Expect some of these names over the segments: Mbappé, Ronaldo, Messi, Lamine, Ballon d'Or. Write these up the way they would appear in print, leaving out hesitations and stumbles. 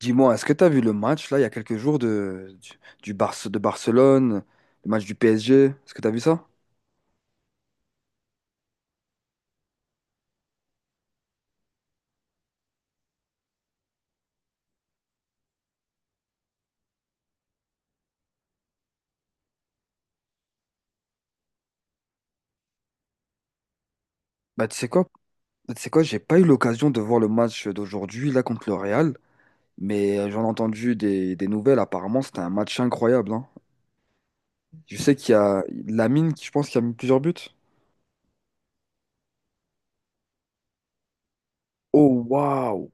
Dis-moi, est-ce que tu as vu le match là il y a quelques jours de Barcelone, le match du PSG? Est-ce que tu as vu ça? Bah, tu sais quoi? Bah, tu sais quoi, j'ai pas eu l'occasion de voir le match d'aujourd'hui là contre le Real, mais j'en ai entendu des nouvelles. Apparemment, c'était un match incroyable, hein. Je sais qu'il y a Lamine qui, je pense, qui a mis plusieurs buts. Oh, waouh!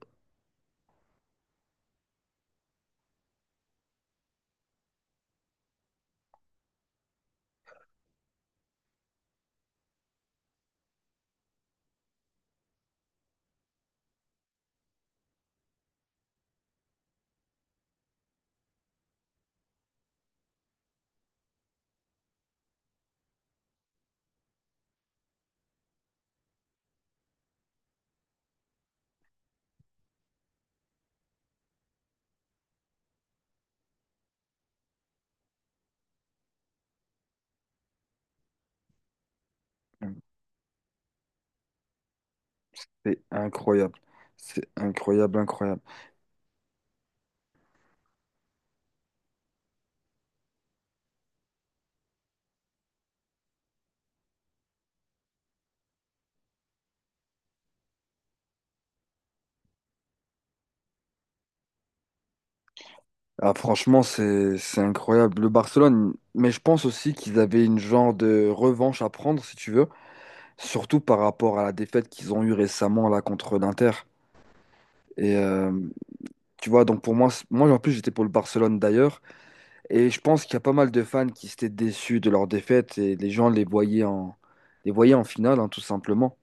C'est incroyable. C'est incroyable, incroyable. Ah, franchement, c'est incroyable. Le Barcelone, mais je pense aussi qu'ils avaient une genre de revanche à prendre, si tu veux, surtout par rapport à la défaite qu'ils ont eue récemment là contre l'Inter. Et tu vois, donc pour moi, moi en plus j'étais pour le Barcelone d'ailleurs, et je pense qu'il y a pas mal de fans qui s'étaient déçus de leur défaite et les gens les voyaient en finale, hein, tout simplement.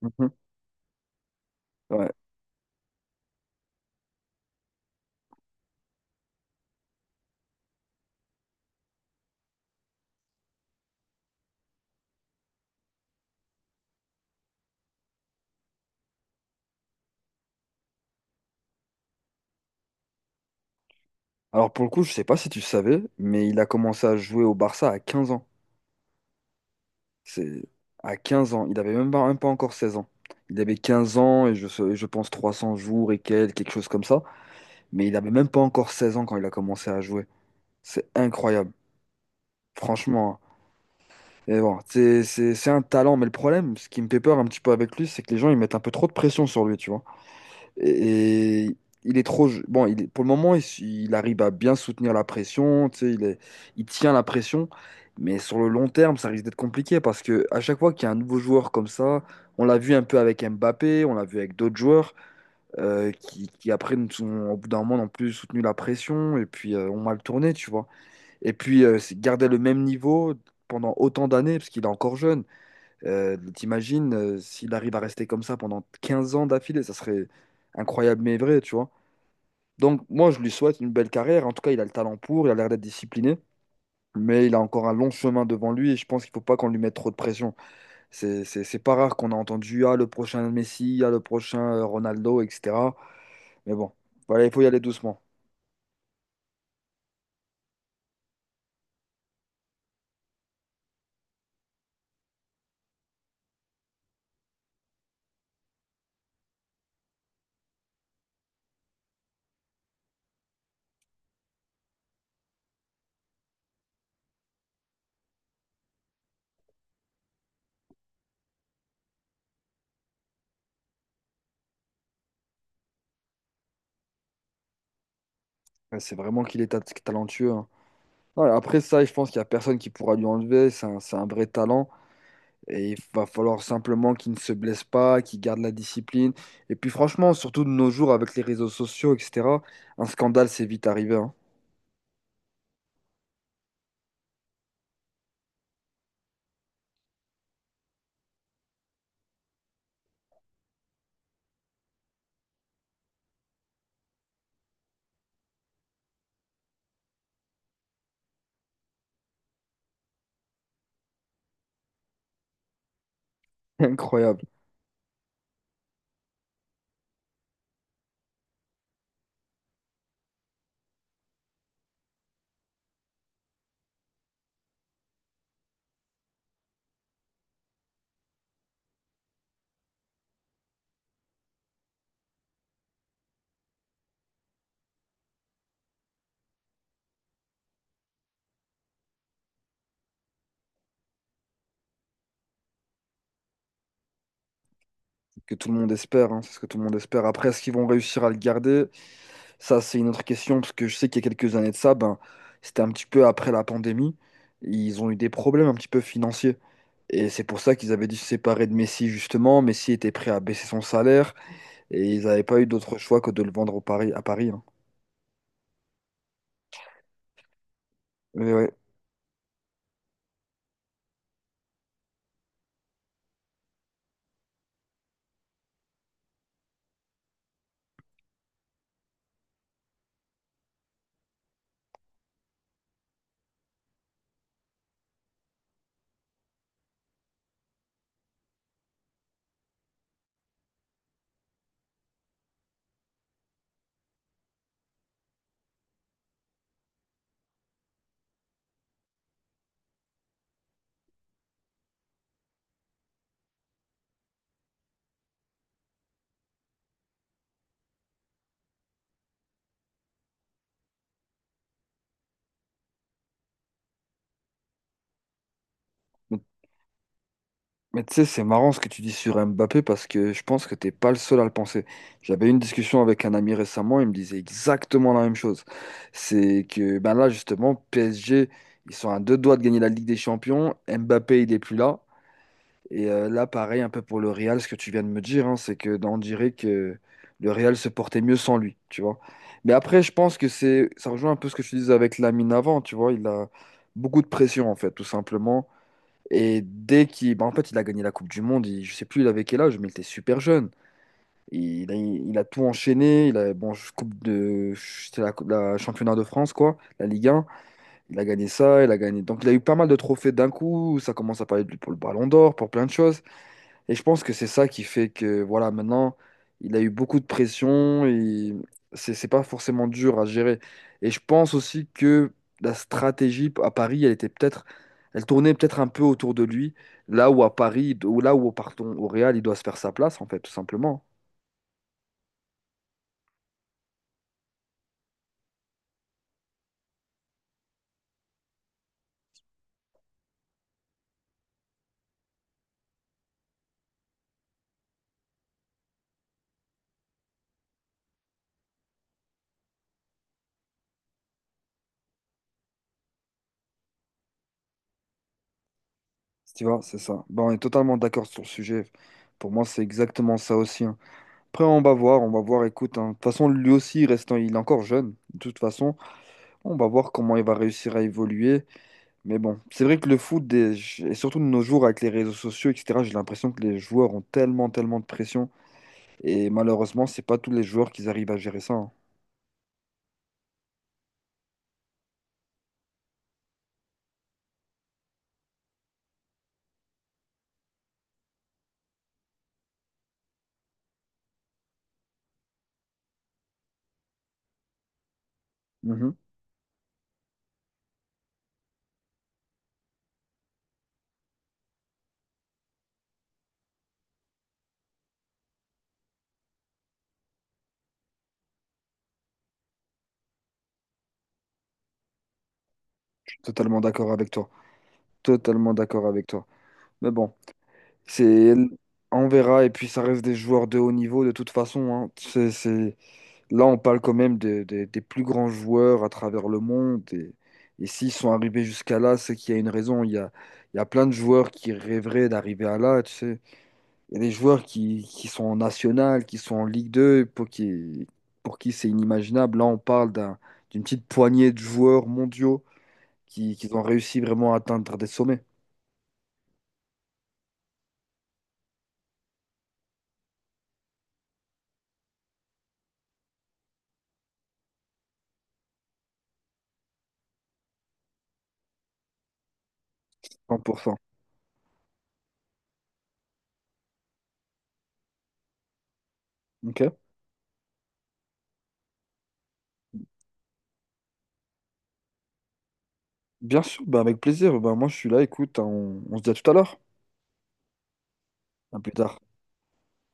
Mhm. Ouais. Alors pour le coup, je sais pas si tu savais, mais il a commencé à jouer au Barça à 15 ans. C'est à 15 ans. Il avait même pas encore 16 ans. Il avait 15 ans et je pense 300 jours et quelques, quelque chose comme ça. Mais il avait même pas encore 16 ans quand il a commencé à jouer. C'est incroyable, franchement, hein. Et bon, c'est un talent, mais le problème, ce qui me fait peur un petit peu avec lui, c'est que les gens ils mettent un peu trop de pression sur lui, tu vois. Et, il est trop. Bon, pour le moment, il arrive à bien soutenir la pression, tu sais, il tient la pression. Mais sur le long terme, ça risque d'être compliqué parce que à chaque fois qu'il y a un nouveau joueur comme ça, on l'a vu un peu avec Mbappé, on l'a vu avec d'autres joueurs qui après, nous sont, au bout d'un moment, n'ont plus soutenu la pression et puis ont mal tourné, tu vois. Et puis, garder le même niveau pendant autant d'années, parce qu'il est encore jeune, t'imagines, s'il arrive à rester comme ça pendant 15 ans d'affilée, ça serait incroyable mais vrai, tu vois. Donc moi, je lui souhaite une belle carrière. En tout cas, il a le talent pour, il a l'air d'être discipliné, mais il a encore un long chemin devant lui et je pense qu'il faut pas qu'on lui mette trop de pression. C'est pas rare qu'on a entendu, ah, le prochain Messi, ah, le prochain Ronaldo, etc. Mais bon, voilà, il faut y aller doucement. Ouais, c'est vraiment qu'il est talentueux, hein. Ouais, après ça, je pense qu'il n'y a personne qui pourra lui enlever. C'est un vrai talent. Et il va falloir simplement qu'il ne se blesse pas, qu'il garde la discipline. Et puis franchement, surtout de nos jours avec les réseaux sociaux, etc., un scandale, c'est vite arrivé, hein. Incroyable. Que tout le monde espère, hein, c'est ce que tout le monde espère. Après, est-ce qu'ils vont réussir à le garder? Ça, c'est une autre question, parce que je sais qu'il y a quelques années de ça, ben, c'était un petit peu après la pandémie. Ils ont eu des problèmes un petit peu financiers. Et c'est pour ça qu'ils avaient dû se séparer de Messi, justement. Messi était prêt à baisser son salaire et ils n'avaient pas eu d'autre choix que de le vendre au Paris, à Paris, hein. Mais ouais. Mais tu sais, c'est marrant ce que tu dis sur Mbappé parce que je pense que t'es pas le seul à le penser. J'avais eu une discussion avec un ami récemment, il me disait exactement la même chose. C'est que ben là justement, PSG, ils sont à deux doigts de gagner la Ligue des Champions. Mbappé, il est plus là. Et là, pareil, un peu pour le Real, ce que tu viens de me dire, hein, c'est que ben, on dirait que le Real se portait mieux sans lui, tu vois. Mais après, je pense que c'est, ça rejoint un peu ce que je te disais avec Lamine avant, tu vois. Il a beaucoup de pression en fait, tout simplement. Et dès qu'il. Bah, en fait, il a gagné la Coupe du Monde. Je sais plus, il avait quel âge, mais il était super jeune. Il a tout enchaîné. Il a, bon, coupe de. C'était la championnat de France, quoi. La Ligue 1. Il a gagné ça. Il a gagné. Donc, il a eu pas mal de trophées d'un coup. Ça commence à parler de lui pour le Ballon d'Or, pour plein de choses. Et je pense que c'est ça qui fait que, voilà, maintenant, il a eu beaucoup de pression et c'est pas forcément dur à gérer. Et je pense aussi que la stratégie à Paris, elle était peut-être, elle tournait peut-être un peu autour de lui, là où à Paris, ou là où, pardon, au Real, il doit se faire sa place, en fait, tout simplement. Tu vois, c'est ça. Ben, on est totalement d'accord sur le sujet. Pour moi, c'est exactement ça aussi, hein. Après, on va voir, écoute, hein. De toute façon, lui aussi, restant, il est encore jeune. De toute façon, on va voir comment il va réussir à évoluer. Mais bon, c'est vrai que le foot, et surtout de nos jours avec les réseaux sociaux, etc., j'ai l'impression que les joueurs ont tellement de pression. Et malheureusement, c'est pas tous les joueurs qui arrivent à gérer ça, hein. Mhm. Je suis totalement d'accord avec toi. Totalement d'accord avec toi. Mais bon, c'est... on verra. Et puis, ça reste des joueurs de haut niveau de toute façon, hein. Là, on parle quand même des plus grands joueurs à travers le monde. Et s'ils sont arrivés jusqu'à là, c'est qu'il y a une raison. Il y a plein de joueurs qui rêveraient d'arriver à là, tu sais. Il y a des joueurs qui sont en national, qui sont en Ligue 2, pour qui c'est inimaginable. Là, on parle d'une petite poignée de joueurs mondiaux qui ont réussi vraiment à atteindre des sommets, 100%. Ok? Bien sûr, bah avec plaisir. Bah moi, je suis là, écoute, hein, on se dit à tout à l'heure. À plus tard.